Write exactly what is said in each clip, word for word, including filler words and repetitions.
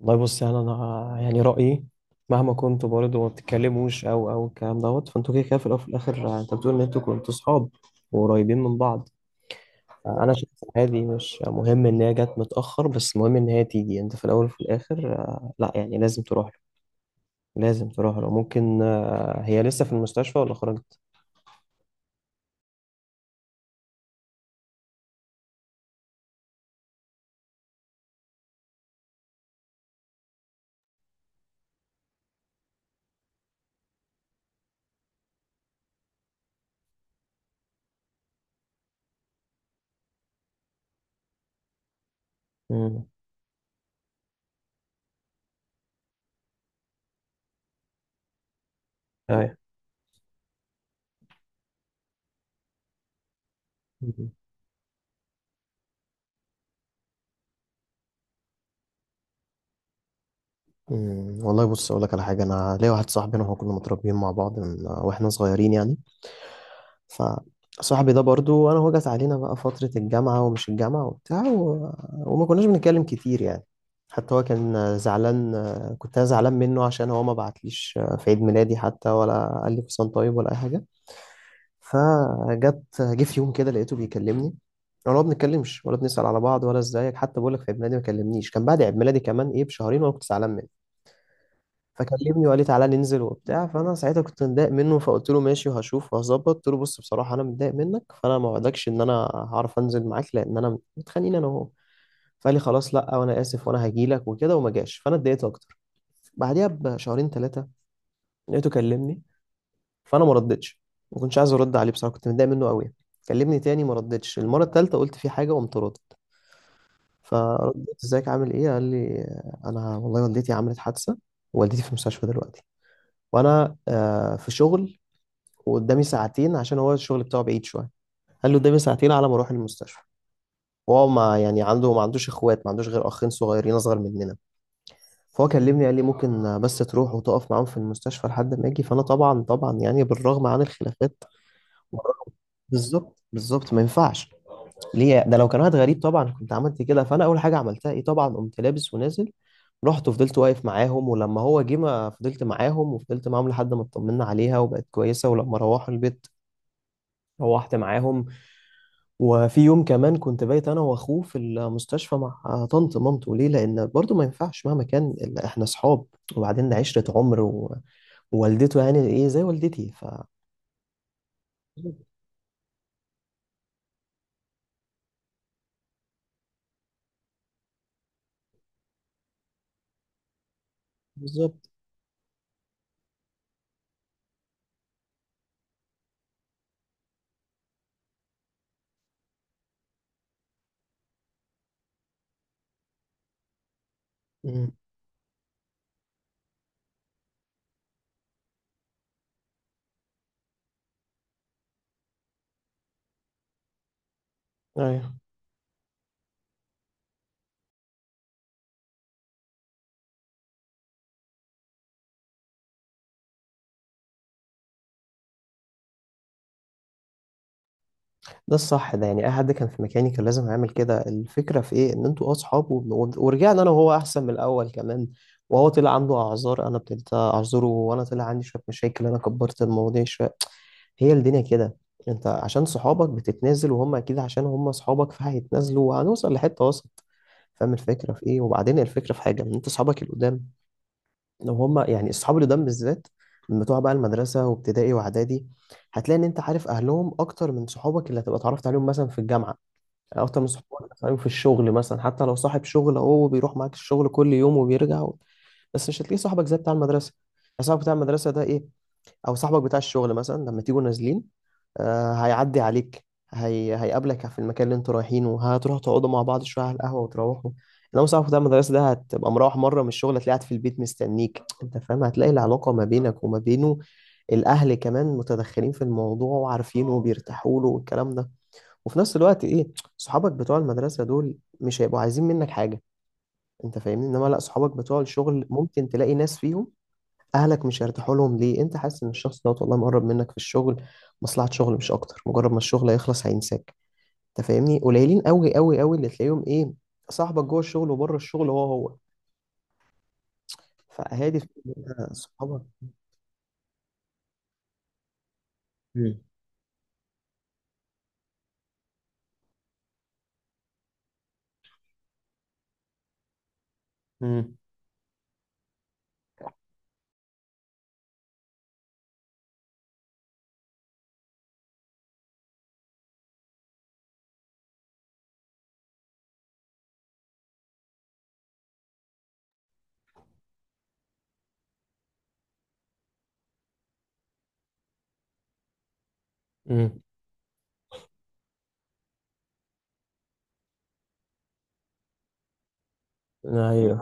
والله بص، يعني انا يعني رايي مهما كنتوا برضه ما بتتكلموش او او الكلام دوت، فانتوا كده كده في الاول وفي الاخر. آه، انت بتقول ان انتوا كنتوا صحاب وقريبين من بعض. آه، انا شايف إن هذه مش مهم ان هي جت متاخر، بس مهم ان هي تيجي. انت في الاول وفي الاخر، آه، لا يعني لازم تروح له، لازم تروح له. ممكن آه، هي لسه في المستشفى ولا خرجت؟ امم. ايوه. مم. أمم، والله بص اقول لك على حاجه. انا ليا واحد صاحبي، انا وهو كنا متربيين مع بعض من واحنا صغيرين يعني. فصاحبي ده برضو انا هو جت علينا بقى فترة الجامعة ومش الجامعة وبتاع و... وما كناش بنتكلم كتير يعني. حتى هو كان زعلان، كنت انا زعلان منه عشان هو ما بعتليش في عيد ميلادي حتى، ولا قال لي كل طيب ولا اي حاجة. فجت جه في يوم كده لقيته بيكلمني، ولا ما بنتكلمش ولا بنسأل على بعض ولا ازيك حتى. بقول لك في عيد ميلادي ما كلمنيش، كان بعد عيد ميلادي كمان ايه بشهرين، وانا كنت زعلان منه. فكلمني وقال لي تعالى ننزل وبتاع، فانا ساعتها كنت متضايق منه فقلت له ماشي وهشوف وهظبط. قلت له بص بصراحه انا متضايق منك، فانا ما وعدكش ان انا هعرف انزل معاك لان انا متخانقين انا وهو. فقال لي خلاص، لا وانا اسف وانا هجي لك وكده، وما جاش، فانا اتضايقت اكتر. بعديها بشهرين ثلاثه لقيته كلمني، فانا ما ردتش، ما كنتش عايز ارد عليه بصراحه، كنت متضايق منه قوي. كلمني تاني ما ردتش، المره الثالثه قلت في حاجه وقمت ردت. فردت ازيك عامل ايه، قال لي انا والله والدتي عملت حادثه، والدتي في المستشفى دلوقتي، وانا آه، في شغل وقدامي ساعتين عشان هو الشغل بتاعه بعيد شويه. قال له قدامي ساعتين على ما اروح المستشفى، وهو ما يعني عنده ما عندوش اخوات، ما عندوش غير اخين صغيرين اصغر مننا. فهو كلمني قال لي ممكن بس تروح وتقف معاهم في المستشفى لحد ما اجي، فانا طبعا طبعا يعني بالرغم عن الخلافات بالظبط بالظبط ما ينفعش. ليه ده؟ لو كان واحد غريب طبعا كنت عملت كده، فانا اول حاجه عملتها ايه طبعا قمت لابس ونازل. رحت وفضلت واقف معاهم ولما هو جه ما فضلت معاهم وفضلت معاهم لحد ما اطمنا عليها وبقت كويسه، ولما روحوا البيت روحت معاهم. وفي يوم كمان كنت بايت انا واخوه في المستشفى مع طنط مامته، ليه؟ لان برضو ما ينفعش مهما كان ال- احنا صحاب وبعدين عشرة عمر و- ووالدته يعني ايه زي والدتي ف بالظبط. مم. ايوه. ده الصح، ده يعني اي حد كان في مكاني كان لازم يعمل كده. الفكره في ايه؟ ان انتوا اصحاب وب- ورجعنا انا وهو احسن من الاول كمان. وهو طلع عنده اعذار، انا ابتديت اعذره، وانا طلع عندي شويه مشاكل، انا كبرت المواضيع شويه. هي الدنيا كده، انت عشان صحابك بتتنازل، وهم اكيد عشان هم صحابك فهيتنازلوا، وهنوصل لحته وسط. فاهم الفكره في ايه؟ وبعدين الفكره في حاجه، ان انت صحابك القدام، لو هم يعني الصحاب القدام بالذات من بتوع بقى المدرسه وابتدائي واعدادي، هتلاقي ان انت عارف اهلهم اكتر من صحابك اللي هتبقى اتعرفت عليهم مثلا في الجامعه، اكتر من صحابك اللي هتعرفت عليهم في الشغل مثلا. حتى لو صاحب شغل اهو بيروح معاك الشغل كل يوم وبيرجع و... بس مش هتلاقيه صاحبك زي بتاع المدرسه. صاحبك بتاع المدرسه ده ايه، او صاحبك بتاع الشغل مثلا لما تيجوا نازلين، آه، هيعدي عليك، هي... هيقابلك في المكان اللي انتوا رايحينه، هتروحوا تقعدوا مع بعض شويه على القهوه وتروحوا. انما صاحبك بتاع المدرسه ده هتبقى مروح مره من الشغل هتلاقيه قاعد في البيت مستنيك، انت فاهم؟ هتلاقي العلاقه ما بينك وما بينه، الاهل كمان متدخلين في الموضوع وعارفينه وبيرتاحوا له والكلام ده. وفي نفس الوقت ايه، صحابك بتوع المدرسه دول مش هيبقوا عايزين منك حاجه، انت فاهمني؟ انما لا، صحابك بتوع الشغل ممكن تلاقي ناس فيهم اهلك مش هيرتاحوا لهم. ليه؟ انت حاسس ان الشخص دوت والله مقرب منك في الشغل، مصلحة شغل مش اكتر، مجرد ما الشغل هيخلص هينساك، انت فاهمني؟ قليلين قوي قوي قوي اللي تلاقيهم ايه، صاحبك جوه الشغل وبره الشغل هو هو، فهادي صحابك. مم. مم. مم. ايوه.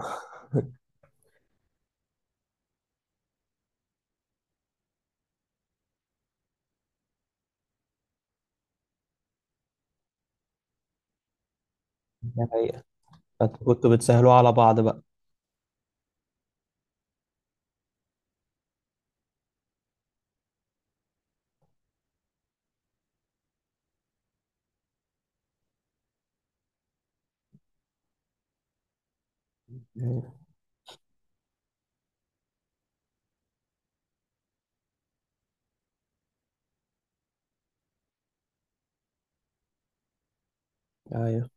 دي حقيقة. أنت كنتوا بتسهلوا على بعض بقى؟ ايوه. أيوة.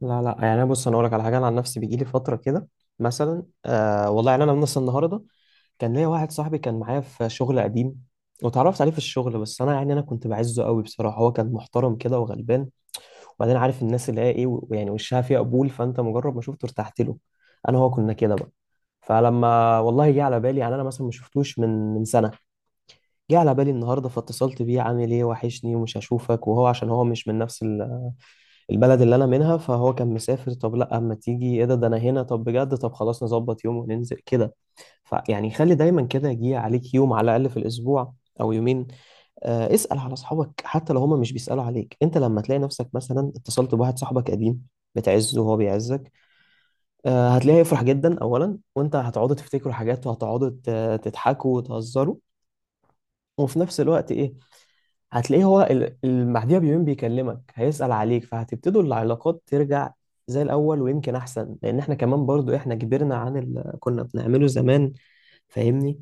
لا لا، يعني أنا بص انا اقول لك على حاجه، انا عن نفسي بيجي لي فتره كده مثلا، آه والله يعني انا من النهارده كان ليا واحد صاحبي كان معايا في شغل قديم، واتعرفت عليه في الشغل. بس انا يعني انا كنت بعزه قوي بصراحه، هو كان محترم كده وغلبان. وبعدين عارف الناس اللي هي ايه ويعني وشها فيها قبول، فانت مجرد ما شفته ارتحت له. انا هو كنا كده بقى. فلما والله جه على بالي يعني انا مثلا ما شفتوش من من سنه، جه على بالي النهارده فاتصلت بيه، عامل ايه، وحشني، ومش هشوفك. وهو عشان هو مش من نفس ال- البلد اللي انا منها، فهو كان مسافر. طب لا اما تيجي ايه، ده ده انا هنا. طب بجد، طب خلاص نظبط يوم وننزل كده. فيعني خلي دايما كده، يجي عليك يوم على الأقل في الأسبوع أو يومين، آه، اسأل على أصحابك حتى لو هما مش بيسألوا عليك. أنت لما تلاقي نفسك مثلا اتصلت بواحد صاحبك قديم بتعزه وهو بيعزك، آه، هتلاقيه هيفرح جدا أولا، وأنت هتقعدوا تفتكروا حاجات وهتقعدوا ت- تضحكوا وتهزروا. وفي نفس الوقت إيه، هتلاقيه هو ال- ال- بعديها بيومين بيكلمك هيسأل عليك، فهتبتدوا العلاقات ترجع زي الأول ويمكن أحسن، لأن إحنا كمان برضو إحنا كبرنا عن اللي كنا بنعمله زمان، فاهمني؟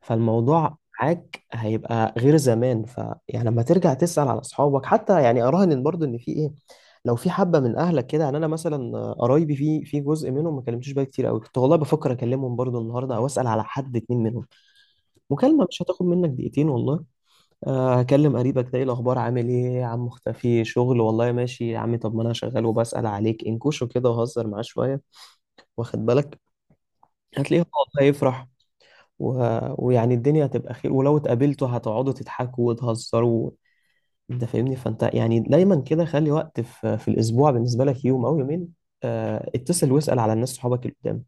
فالموضوع معاك هيبقى غير زمان. فيعني لما ترجع تسأل على اصحابك حتى يعني اراهن برضو ان في ايه، لو في حبه من اهلك كده. يعني انا مثلا قرايبي في في جزء منهم ما كلمتوش بقى كتير قوي، كنت والله بفكر اكلمهم برضو النهارده او اسال على حد اتنين منهم. مكالمه مش هتاخد منك دقيقتين والله. آه، هكلم قريبك ده، ايه الاخبار عامل ايه يا عم مختفي شغل، والله ماشي يا عمي، طب ما انا شغال وبسال عليك انكوشه كده وهزر معاه شويه، واخد بالك؟ هتلاقيه هو والله يفرح و... ويعني الدنيا هتبقى خير، ولو اتقابلتوا هتقعدوا تضحكوا وتهزروا، انت فاهمني؟ فانت يعني دايما كده خلي وقت في, في الاسبوع بالنسبه لك، يوم او يومين، آه اتصل واسال على الناس صحابك اللي قدام.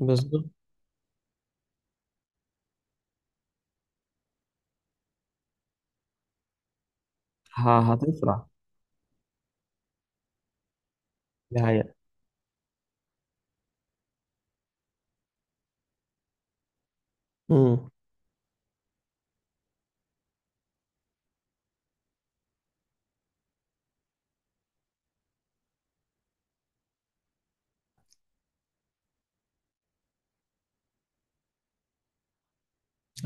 بالظبط. ه- هتفرح. دي حقيقة. امم.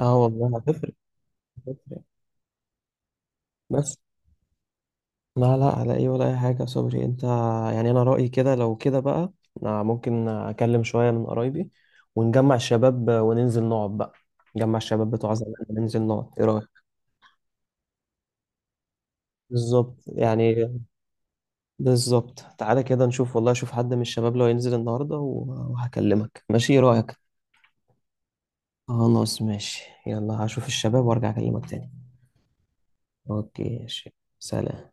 اه والله هتفرق. هتفرق. بس لا لا، على ايه، ولا اي حاجه يا صبري. انت يعني انا رايي كده، لو كده بقى آه، ممكن اكلم شويه من قرايبي ونجمع الشباب وننزل نقعد بقى، نجمع الشباب بتوع زمان وننزل نقعد، ايه رايك؟ بالظبط يعني، بالظبط. تعالى كده نشوف والله، اشوف حد من الشباب لو ينزل النهارده و- وهكلمك ماشي، إيه رأيك؟ خلاص ماشي، يلا هشوف الشباب وارجع اكلمك تاني. اوكي ماشي، سلام.